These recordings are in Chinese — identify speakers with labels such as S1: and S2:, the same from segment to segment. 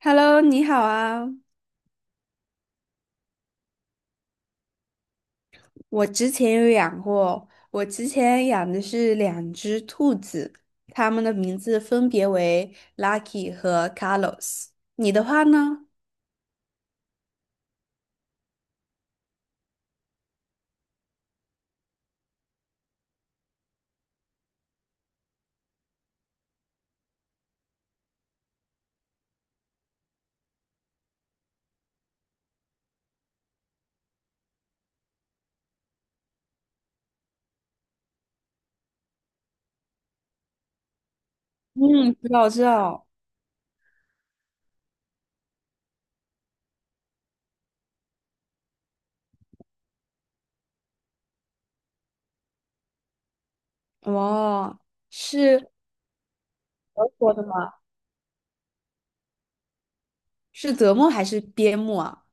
S1: Hello，你好啊！我之前有养过，我之前养的是两只兔子，它们的名字分别为 Lucky 和 Carlos。你的话呢？嗯，知道知道。哦，是德国的吗？是德牧还是边牧啊？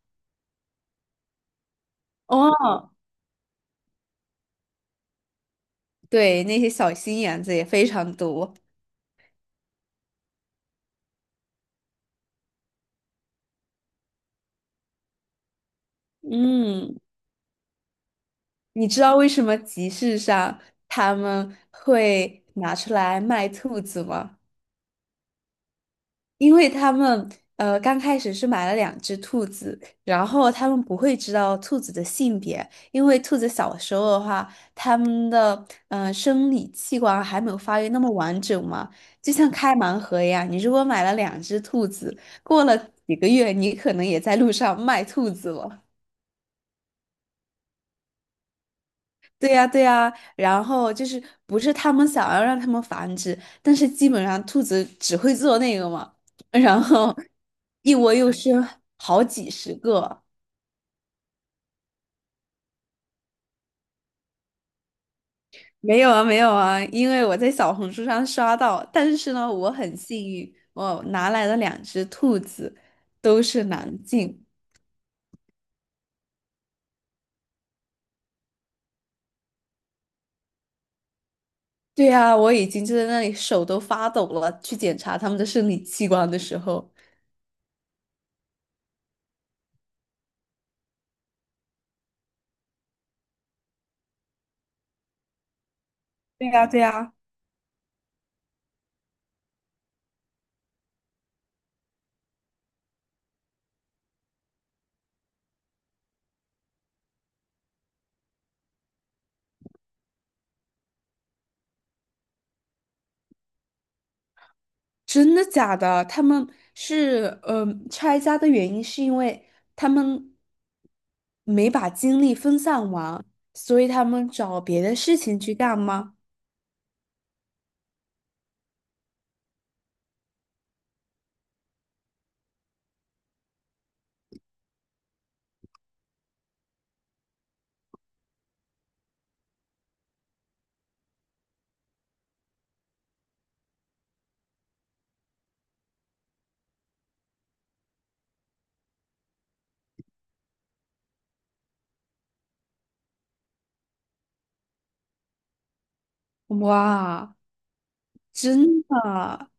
S1: 哦，对，那些小心眼子也非常多。嗯，你知道为什么集市上他们会拿出来卖兔子吗？因为他们刚开始是买了两只兔子，然后他们不会知道兔子的性别，因为兔子小时候的话，他们的生理器官还没有发育那么完整嘛，就像开盲盒一样。你如果买了两只兔子，过了几个月，你可能也在路上卖兔子了。对呀，对呀，然后就是不是他们想要让他们繁殖，但是基本上兔子只会做那个嘛，然后一窝又生好几十个。没有啊，没有啊，因为我在小红书上刷到，但是呢，我很幸运，我拿来的两只兔子都是男性。对呀，我已经就在那里手都发抖了，去检查他们的生理器官的时候。对呀，对呀。真的假的？他们是拆家的原因是因为他们没把精力分散完，所以他们找别的事情去干吗？哇，真的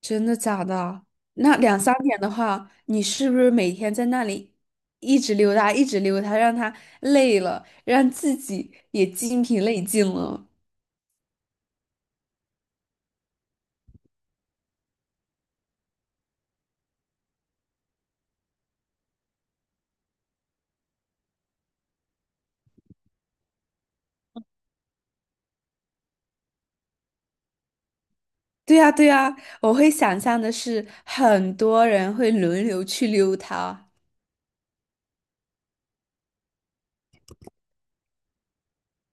S1: 真的假的？那两三点的话，你是不是每天在那里一直溜达，一直溜达，让他累了，让自己也精疲力尽了？对呀，对呀，我会想象的是，很多人会轮流去溜它。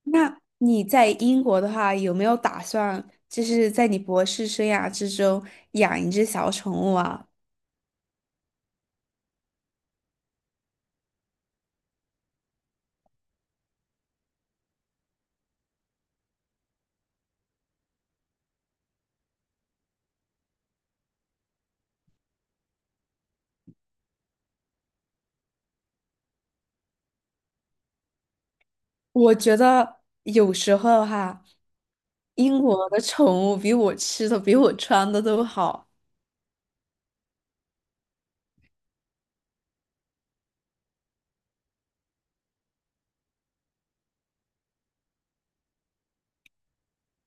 S1: 那你在英国的话，有没有打算就是在你博士生涯之中养一只小宠物啊？我觉得有时候哈，英国的宠物比我吃的、比我穿的都好。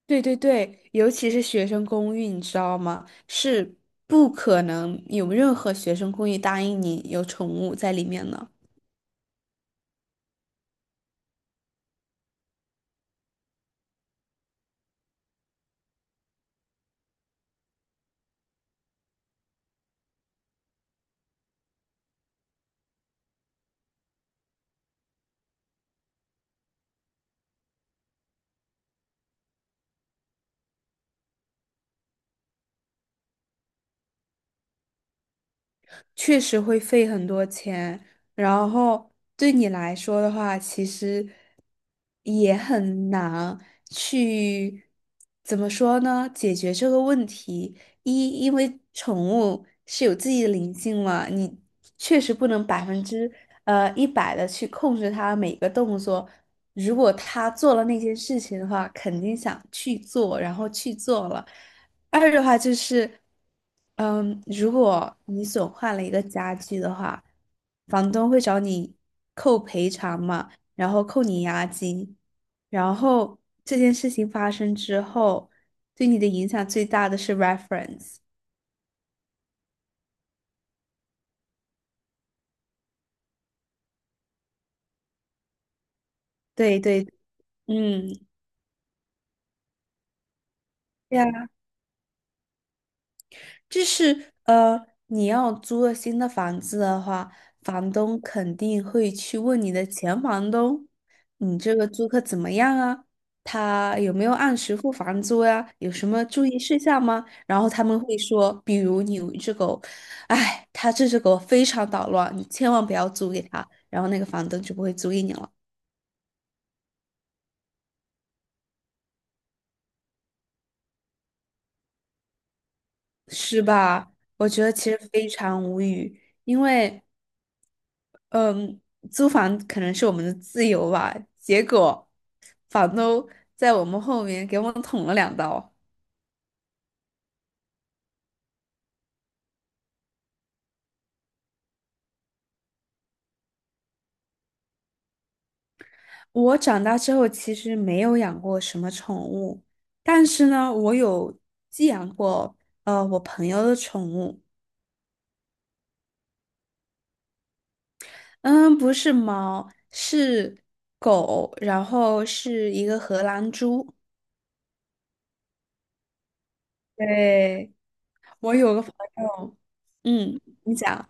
S1: 对对对，尤其是学生公寓，你知道吗？是不可能有任何学生公寓答应你有宠物在里面的。确实会费很多钱，然后对你来说的话，其实也很难去怎么说呢？解决这个问题，一因为宠物是有自己的灵性嘛，你确实不能百分之一百的去控制它每个动作。如果它做了那些事情的话，肯定想去做，然后去做了。二的话就是，嗯，如果你损坏了一个家具的话，房东会找你扣赔偿嘛，然后扣你押金，然后这件事情发生之后，对你的影响最大的是 reference。对对，嗯，对啊就是你要租了新的房子的话，房东肯定会去问你的前房东，你这个租客怎么样啊？他有没有按时付房租呀？有什么注意事项吗？然后他们会说，比如你有一只狗，哎，他这只狗非常捣乱，你千万不要租给他，然后那个房东就不会租给你了，是吧？我觉得其实非常无语，因为。嗯，租房可能是我们的自由吧，结果房东在我们后面给我们捅了两刀。我长大之后其实没有养过什么宠物，但是呢，我有寄养过我朋友的宠物，嗯，不是猫，是狗，然后是一个荷兰猪。对，我有个朋友，嗯，你讲。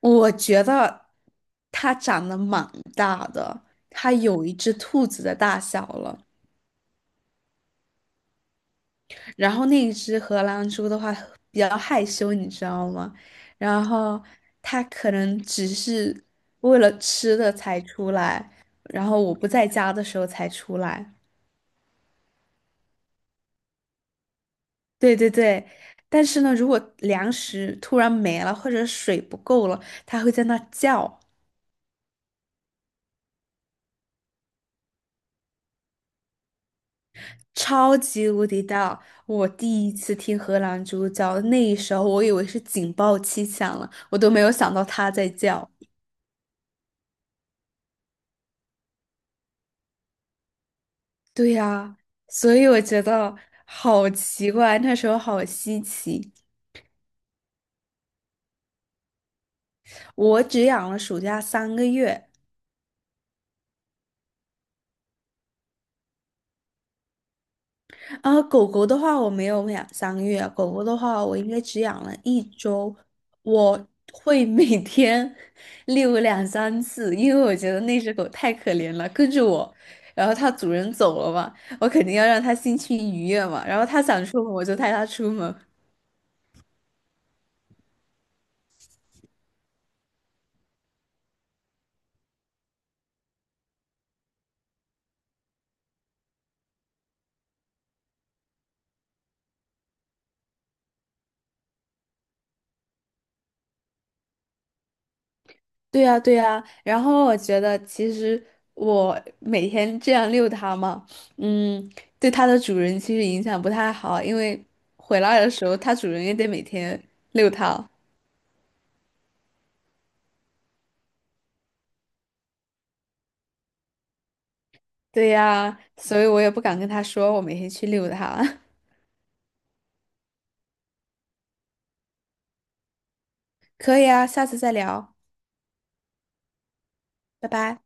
S1: 我觉得它长得蛮大的，它有一只兔子的大小了。然后那一只荷兰猪的话比较害羞，你知道吗？然后它可能只是为了吃的才出来，然后我不在家的时候才出来。对对对，但是呢，如果粮食突然没了或者水不够了，它会在那叫。超级无敌大！我第一次听荷兰猪叫，那一时候我以为是警报器响了，我都没有想到它在叫。对呀，所以我觉得好奇怪，那时候好稀奇。我只养了暑假三个月，啊，狗狗的话我没有养三个月，狗狗的话我应该只养了1周。我会每天 遛两三次，因为我觉得那只狗太可怜了，跟着我，然后它主人走了嘛，我肯定要让它心情愉悦嘛，然后它想出门我就带它出门。对呀，对呀，然后我觉得其实我每天这样遛它嘛，嗯，对它的主人其实影响不太好，因为回来的时候它主人也得每天遛它。对呀，所以我也不敢跟他说我每天去遛他。可以啊，下次再聊，拜拜。